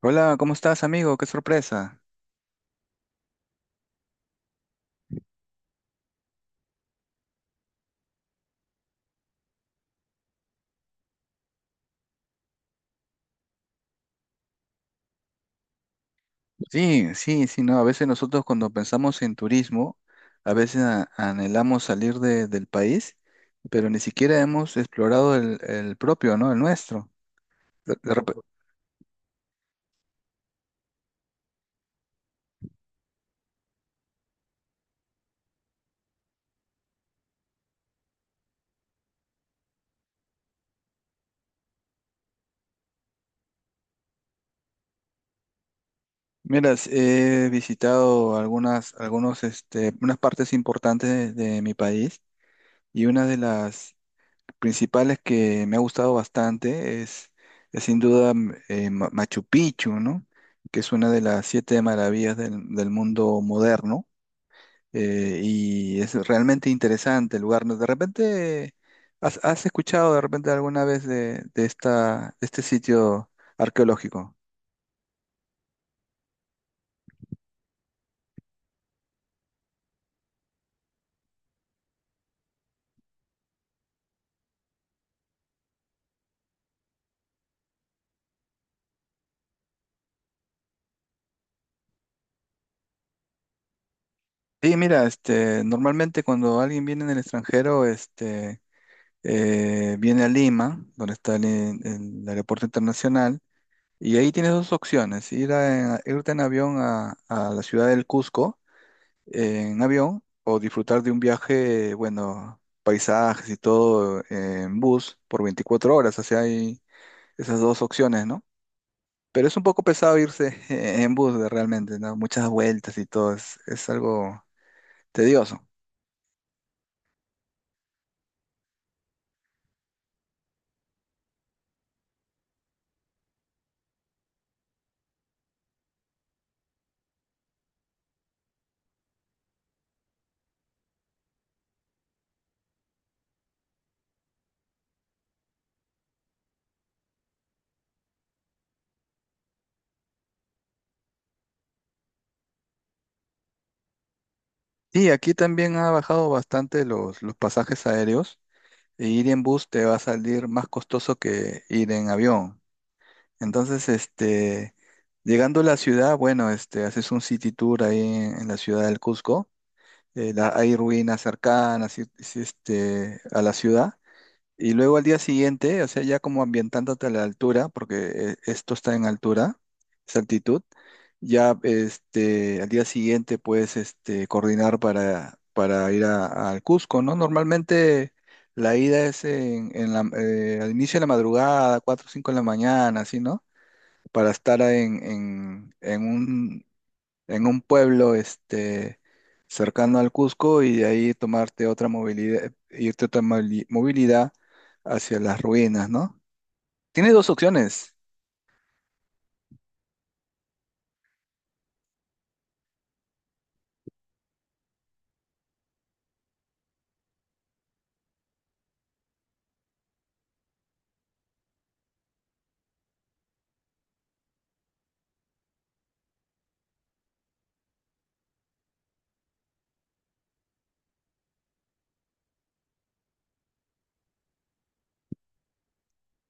Hola, ¿cómo estás, amigo? Qué sorpresa. Sí, sí, sí, no. A veces nosotros cuando pensamos en turismo, a veces anhelamos salir del país, pero ni siquiera hemos explorado el propio, ¿no? El nuestro. De- de repe- Mira, he visitado algunas, algunos, unas partes importantes de mi país, y una de las principales que me ha gustado bastante es sin duda Machu Picchu, ¿no? Que es una de las siete maravillas del, del mundo moderno, y es realmente interesante el lugar, ¿no? De repente, has escuchado de repente alguna vez de esta, de este sitio arqueológico? Sí, mira, normalmente cuando alguien viene en el extranjero, viene a Lima, donde está el aeropuerto internacional. Y ahí tienes dos opciones, irte en avión a la ciudad del Cusco, en avión, o disfrutar de un viaje, bueno, paisajes y todo, en bus por 24 horas. O sea, hay esas dos opciones, ¿no? Pero es un poco pesado irse en bus realmente, ¿no? Muchas vueltas y todo, es algo tedioso. Y aquí también ha bajado bastante los pasajes aéreos, e ir en bus te va a salir más costoso que ir en avión. Entonces, llegando a la ciudad, bueno, haces un city tour ahí en la ciudad del Cusco. Hay ruinas cercanas, y, este, a la ciudad. Y luego al día siguiente, o sea, ya como ambientándote a la altura, porque esto está en altura, es altitud. Ya, al día siguiente puedes, este, coordinar para al Cusco, ¿no? Normalmente la ida es en, al inicio de la madrugada, 4 o 5 de la mañana, así, ¿no? Para estar en un pueblo, cercano al Cusco, y de ahí tomarte otra movilidad, irte otra movilidad hacia las ruinas, ¿no? Tiene dos opciones.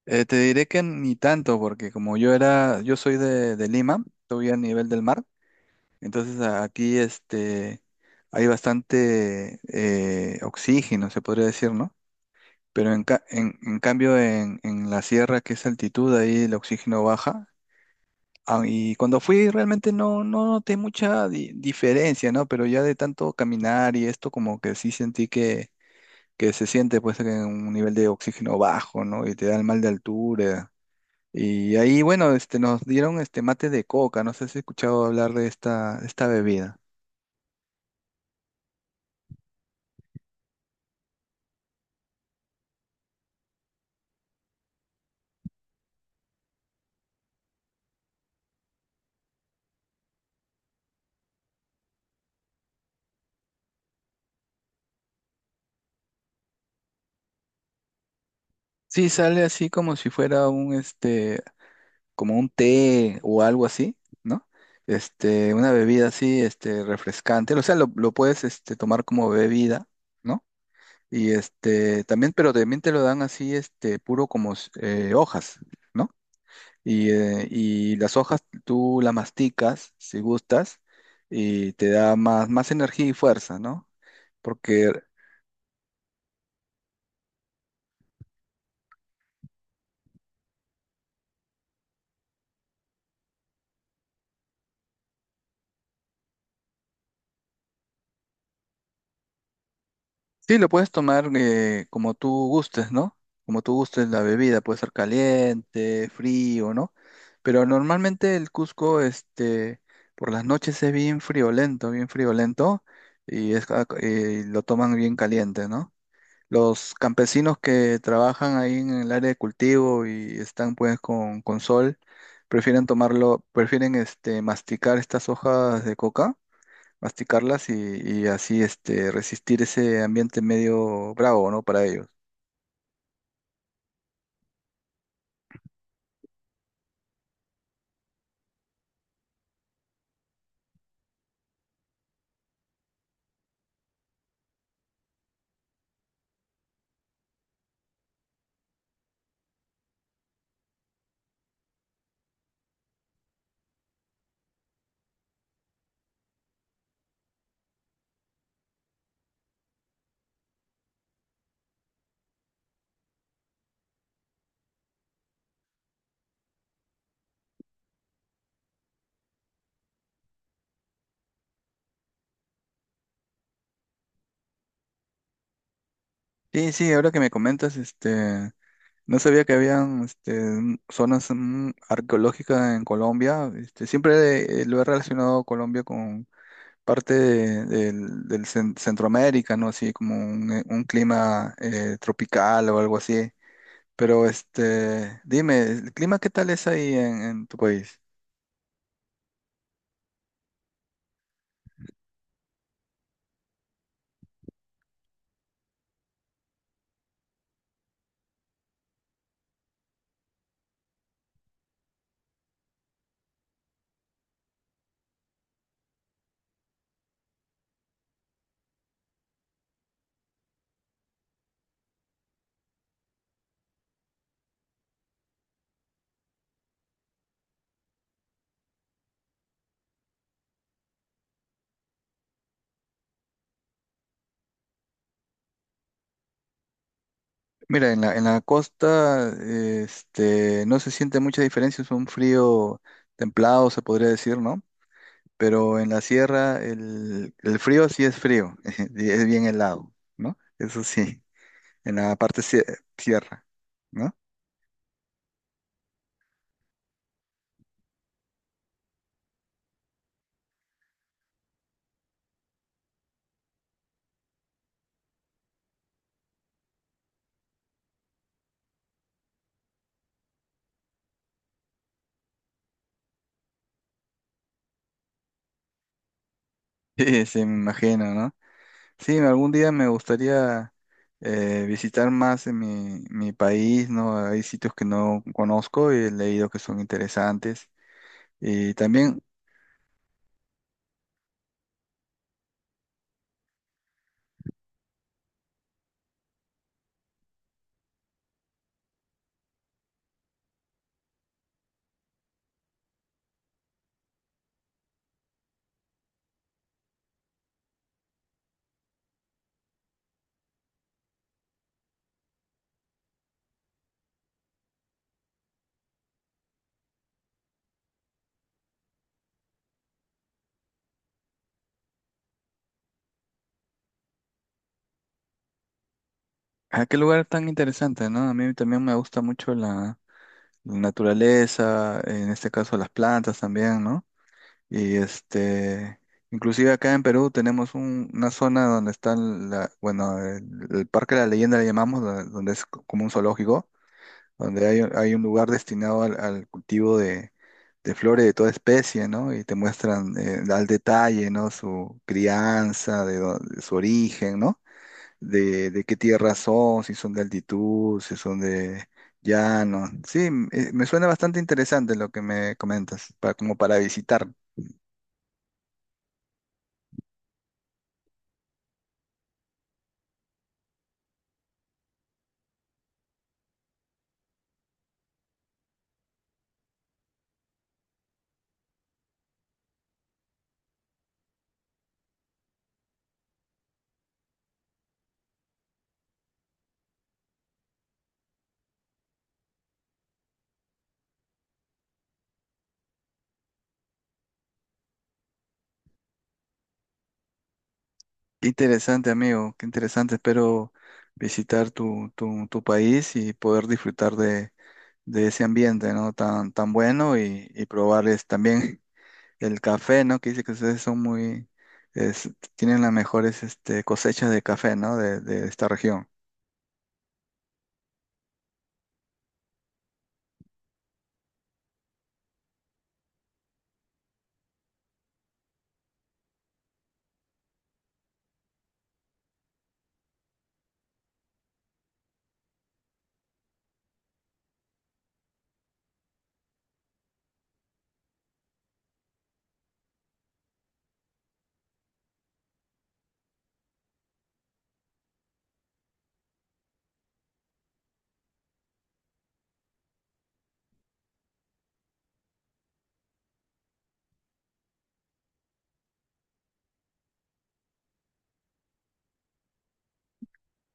Te diré que ni tanto, porque como yo era, yo soy de Lima, estoy a nivel del mar, entonces aquí, hay bastante oxígeno, se podría decir, ¿no? Pero en, en cambio en la sierra, que es altitud, ahí el oxígeno baja. Ah, y cuando fui realmente no, no noté mucha diferencia, ¿no? Pero ya de tanto caminar y esto, como que sí sentí que se siente pues en un nivel de oxígeno bajo, ¿no? Y te da el mal de altura. Y ahí, bueno, nos dieron este mate de coca, no sé si has escuchado hablar de esta, esta bebida. Sí, sale así como si fuera un, como un té o algo así, ¿no? Una bebida así, refrescante. O sea, lo puedes, tomar como bebida, ¿no? Y pero también te lo dan así, puro como hojas, ¿no? Y las hojas tú las masticas, si gustas, y te da más, más energía y fuerza, ¿no? Porque sí, lo puedes tomar como tú gustes, ¿no? Como tú gustes la bebida, puede ser caliente, frío, ¿no? Pero normalmente el Cusco, por las noches es bien friolento, y es, lo toman bien caliente, ¿no? Los campesinos que trabajan ahí en el área de cultivo y están pues con sol, prefieren tomarlo, prefieren, masticar estas hojas de coca, masticarlas y así, resistir ese ambiente medio bravo, ¿no? Para ellos. Sí, sí, ahora que me comentas, no sabía que habían, zonas, arqueológicas en Colombia. Este, siempre lo he relacionado Colombia con parte del Centroamérica, ¿no? Así como un clima, tropical o algo así. Pero este, dime, ¿el clima qué tal es ahí en tu país? Mira, en la costa, no se siente mucha diferencia, es un frío templado, se podría decir, ¿no? Pero en la sierra el frío sí es frío, y es bien helado, ¿no? Eso sí, en la parte sierra, ¿no? Sí, sí me imagino, ¿no? Sí, algún día me gustaría visitar más en mi, mi país, ¿no? Hay sitios que no conozco y he leído que son interesantes. Y también, ¿a qué lugar tan interesante, ¿no? A mí también me gusta mucho la, la naturaleza, en este caso las plantas también, ¿no? Y este, inclusive acá en Perú tenemos una zona donde está, la, bueno, el Parque de la Leyenda le llamamos, donde donde es como un zoológico, donde hay un lugar destinado al al cultivo de flores de toda especie, ¿no? Y te muestran, al detalle, ¿no? Su crianza, de, de su origen, ¿no? De qué tierra son, si son de altitud, si son de llano. Sí, me suena bastante interesante lo que me comentas, como para visitar. Qué interesante, amigo, qué interesante. Espero visitar tu, tu, tu país y poder disfrutar de ese ambiente, ¿no? Tan, tan bueno y probarles también. El café, ¿no? Que dice que ustedes son muy, es- tienen las mejores, cosechas de café, ¿no? De esta región.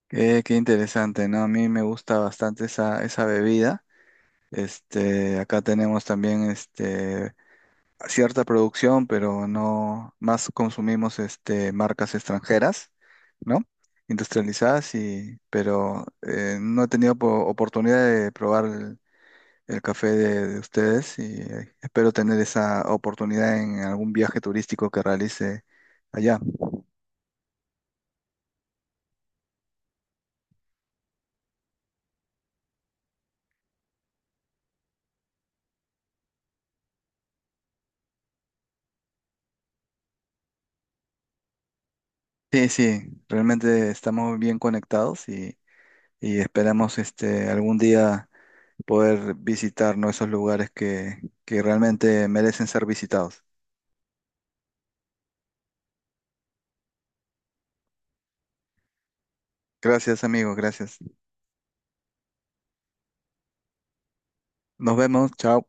Qué, qué interesante, ¿no? A mí me gusta bastante esa, esa bebida. Este, acá tenemos también, cierta producción, pero no más consumimos, marcas extranjeras, ¿no? Industrializadas, y, pero no he tenido oportunidad de probar el café de ustedes, y espero tener esa oportunidad en algún viaje turístico que realice allá. Sí, sí, realmente estamos bien conectados, y esperamos este algún día poder visitar, ¿no?, esos lugares que realmente merecen ser visitados. Gracias, amigos, gracias. Nos vemos, chao.